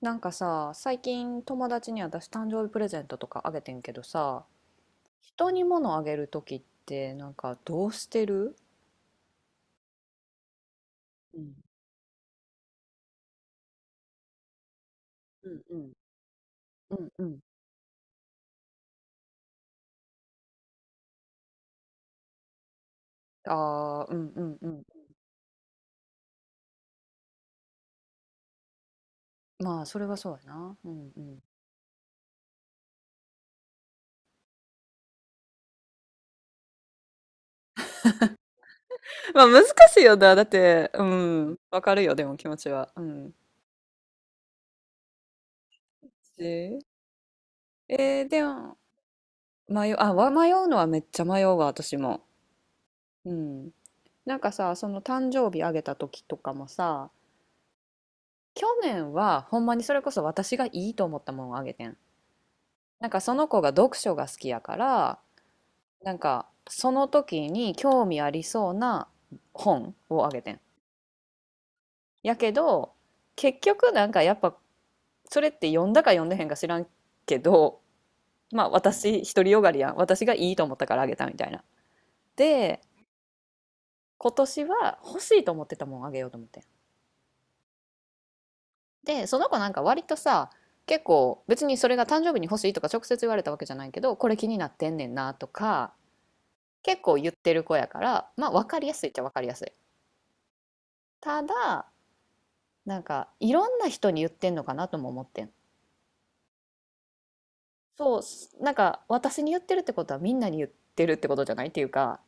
なんかさ、最近友達に私誕生日プレゼントとかあげてんけどさ、人に物あげるときってなんかどうしてる？うんうんうんうんうん。ああ、うんうんうん。まあ、それはそうやな。うんうん。 まあ、難しいよな。だって、うん。わかるよ、でも気持ちは。うん。ええーでも、迷う、迷うのはめっちゃ迷うわ、私も。うん。なんかさ、その誕生日あげたときとかもさ、去年はほんまにそれこそ私がいいと思ったものをあげてん。なんかその子が読書が好きやから、なんかその時に興味ありそうな本をあげてん。やけど、結局なんかやっぱそれって読んだか読んでへんか知らんけど、まあ私独りよがりやん。私がいいと思ったからあげたみたいな。で、今年は欲しいと思ってたもんあげようと思ってん。で、その子なんか割とさ、結構別にそれが誕生日に欲しいとか直接言われたわけじゃないけど、これ気になってんねんなとか、結構言ってる子やから、まあ分かりやすいっちゃ分かりやすい。ただ、なんかいろんな人に言ってんのかなとも思ってん。そう、なんか私に言ってるってことはみんなに言ってるってことじゃないっていうか、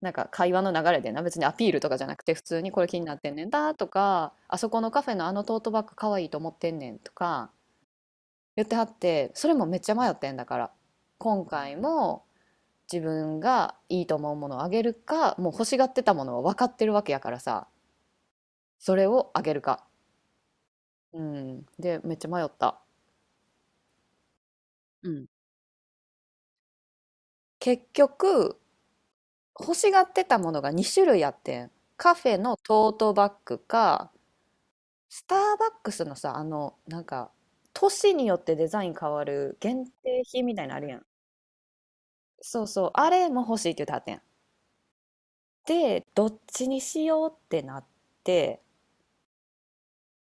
なんか会話の流れでな別にアピールとかじゃなくて普通にこれ気になってんねんだとかあそこのカフェのあのトートバッグかわいいと思ってんねんとか言ってはって、それもめっちゃ迷ってんだから、今回も自分がいいと思うものをあげるか、もう欲しがってたものは分かってるわけやからさ、それをあげるか、うんで、めっちゃ迷った。うん。結局欲しがってたものが2種類あってん。カフェのトートバッグか、スターバックスのさ、あのなんか年によってデザイン変わる限定品みたいなのあるやん。そうそう、あれも欲しいって言ってはってん。で、どっちにしようってなって、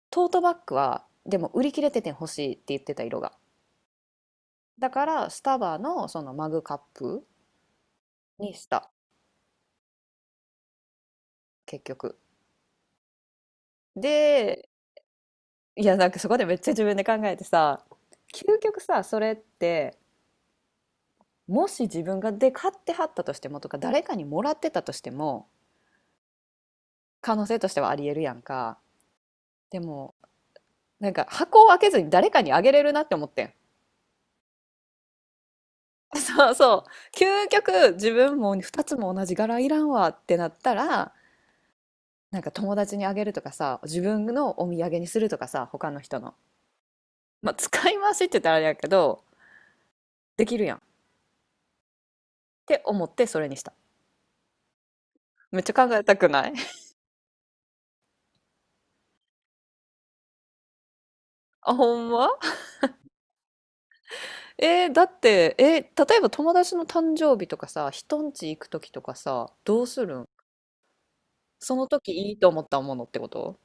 トートバッグはでも売り切れてて、欲しいって言ってた色が。だからスタバのそのマグカップにした、結局。で、いやなんかそこでめっちゃ自分で考えてさ、究極さ、それってもし自分がで買ってはったとしてもとか、誰かにもらってたとしても可能性としてはありえるやんか。でもなんか箱を開けずに誰かにあげれるなって思ってん。そうそう。究極、自分も2つも同じ柄いらんわってなったら、なんか友達にあげるとかさ、自分のお土産にするとかさ、他の人の。まあ、使い回しって言ったらあれやけど、できるやんって思ってそれにした。めっちゃ考えたくない。 あ、ほんま？だって、例えば友達の誕生日とかさ、人んち行く時とかさ、どうするん？その時いいと思ったものってこと？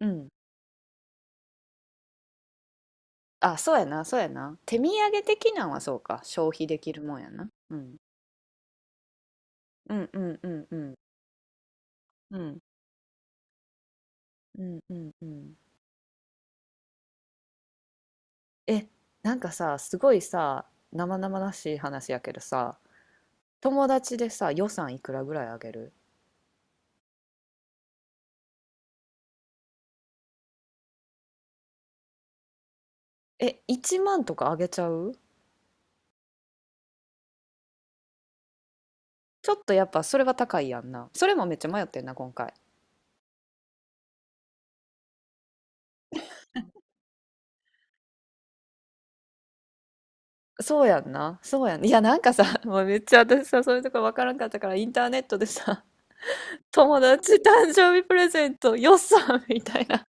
うん。あ、そうやな、そうやな。手土産的なんはそうか。消費できるもんやな。うん。うんうんうんうんうんうんうんうん。えなんかさ、すごいさ、生々しい話やけどさ、友達でさ、予算いくらぐらいあげる？え、1万とかあげちゃう？ちょっとやっぱそれは高いやんな。それもめっちゃ迷ってんな今回。そうやんな、そうやんな。いやなんかさ、 もうめっちゃ私さ、そういうとこわからんかったからインターネットでさ、 友達誕生日プレゼント予算みたいな、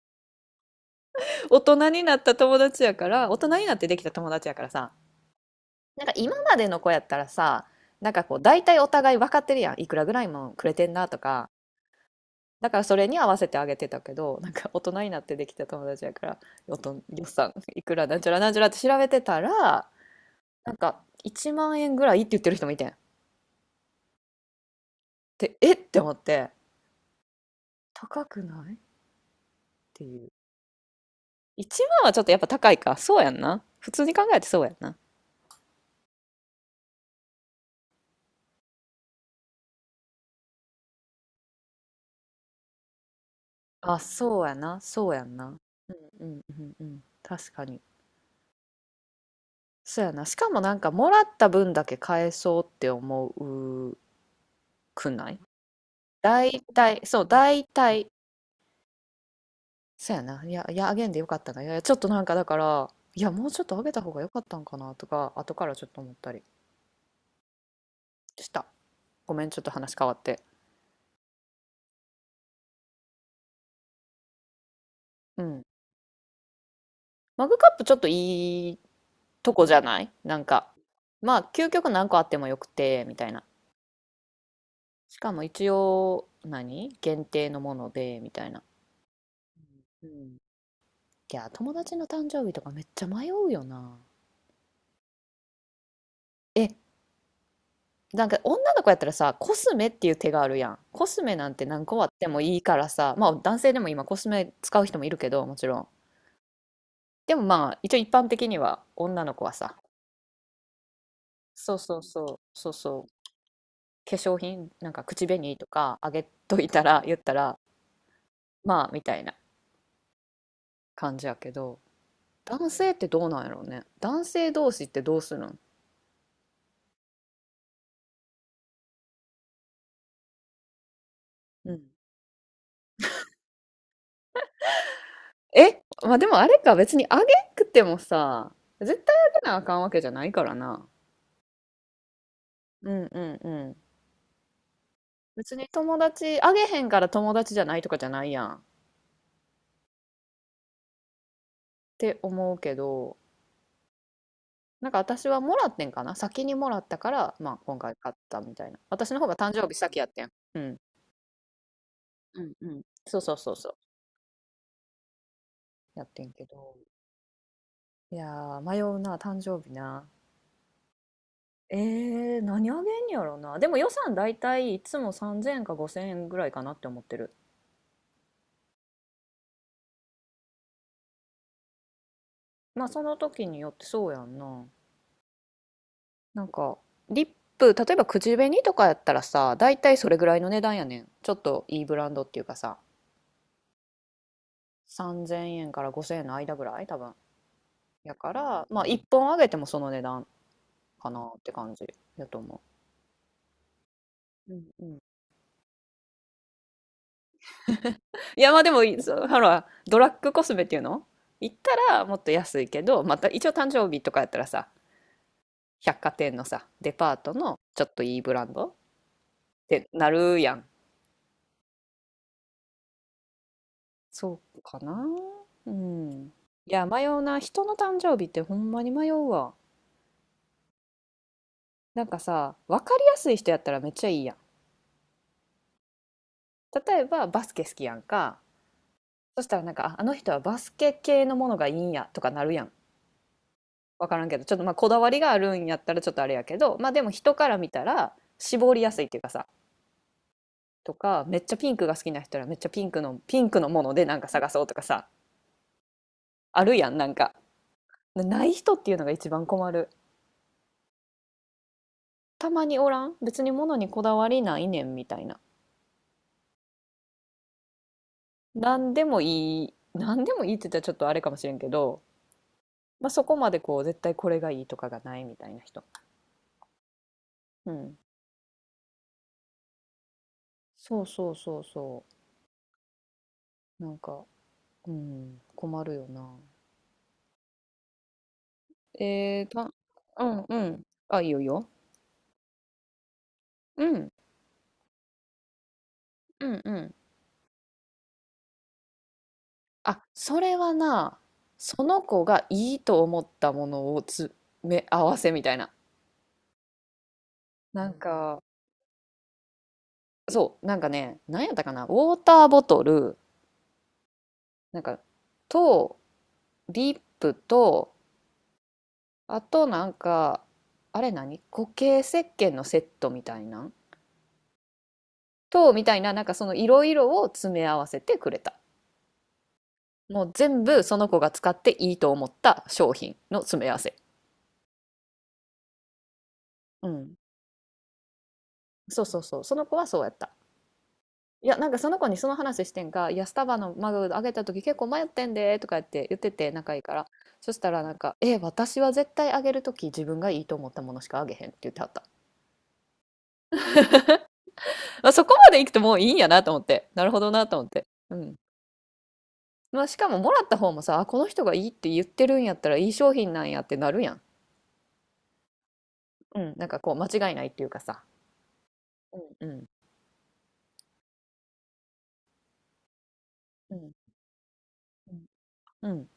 大人になった友達やから、大人になってできた友達やからさ、なんか今までの子やったらさ、なんかこう大体お互い分かってるやん。いくらぐらいもくれてんなとか。だからそれに合わせてあげてたけど、なんか大人になってできた友達やから、予算いくらなんちゃらなんちゃらって調べてたら、なんか1万円ぐらいって言ってる人もいてん。で、えって思って、高くないっていう。1万はちょっとやっぱ高いか。そうやんな。普通に考えてそうやんな。あ、そうやな。そうやんな。うんうんうんうん。確かに。そうやな。しかもなんかもらった分だけ返そうって思うくない？大体、そう、大体、そうやな。いや、いや、あげんでよかったな。いや、いやちょっとなんかだから、いや、もうちょっとあげた方がよかったんかなとか、後からちょっと思ったりした。ごめん、ちょっと話変わって。うん。マグカップちょっといいとこじゃない、なんか、まあ、究極何個あってもよくて、みたいな。しかも一応、何限定のもので、みたいな。うん、いや、友達の誕生日とかめっちゃ迷うよな。え、なんか女の子やったらさ、コスメっていう手があるやん。コスメなんて何個あってもいいからさ、まあ男性でも今コスメ使う人もいるけど、もちろん。でもまあ一応一般的には女の子はさ、そうそうそう、そうそう、化粧品、なんか口紅とかあげといたら、言ったら、まあみたいな感じやけど、男性ってどうなんやろうね。男性同士ってどうするん？うん。え、まあ、でもあれか、別にあげんくてもさ、絶対あげなあかんわけじゃないからな。うんうんうん。別に友達、あげへんから友達じゃないとかじゃないやんって思うけど、なんか私はもらってんかな、先にもらったから、まあ今回買ったみたいな。私の方が誕生日先やってん。うん。うんうん。そうそうそうそう。やってんけど。いやー、迷うな、誕生日な。何あげんやろな。でも予算だいたいいつも3000円か5000円ぐらいかなって思ってる。まあその時によって、そうやんな。なんかリップ、例えば口紅とかやったらさ、大体それぐらいの値段やねん。ちょっといいブランドっていうかさ、3,000円から5,000円の間ぐらい多分。やからまあ1本あげてもその値段かなって感じやと思う。うんうん、いやまあでもそう、ほらドラッグコスメっていうの行ったらもっと安いけど、また一応誕生日とかやったらさ、百貨店のさ、デパートのちょっといいブランドってなるやん。そうかな。うん。いや、迷うな。人の誕生日ってほんまに迷うわ。なんかさ、わかりやすい人やったらめっちゃいいやん。例えば、バスケ好きやんか。そしたらなんか、ああの人はバスケ系のものがいいんやとかなるやん。わからんけど、ちょっとまあこだわりがあるんやったらちょっとあれやけど、まあでも人から見たら絞りやすいっていうかさ、とか、めっちゃピンクが好きな人はめっちゃピンクの、ピンクのものでなんか探そうとかさ、あるやん、なんか。ない人っていうのが一番困る。たまにおらん別に物にこだわりないねんみたいな。何でもいい、何でもいいって言ったらちょっとあれかもしれんけど、まあ、そこまでこう絶対これがいいとかがないみたいな人。うん。そうそうそうそう。なんか、うん、困るよな。えー、た、うんうん。あ、いいよいいよ。うん、うんうん。あ、それはな、その子がいいと思ったものを詰め合わせみたいな。なんか、そう、なんかね、何やったかな、ウォーターボトル、なんかと、リップと、あとなんかあれ、何、固形石鹸のセットみたいなと、みたいな、なんかそのいろいろを詰め合わせてくれた。もう全部その子が使っていいと思った商品の詰め合わせ。うん、そうそうそう、その子はそうやった。いやなんかその子にその話してんか、「いやスタバのマグあげた時結構迷ってんで」とか言って言ってて、仲いいから。そしたらなんか、「え、私は絶対あげる時自分がいいと思ったものしかあげへん」って言ってはった。まあ、そこまで行くともういいんやなと思って。なるほどなと思って。うん。まあ、しかももらった方もさ、あ、この人がいいって言ってるんやったらいい商品なんやってなるやん。うん。なんかこう、間違いないっていうかさ。うんうん。うん。うん。うん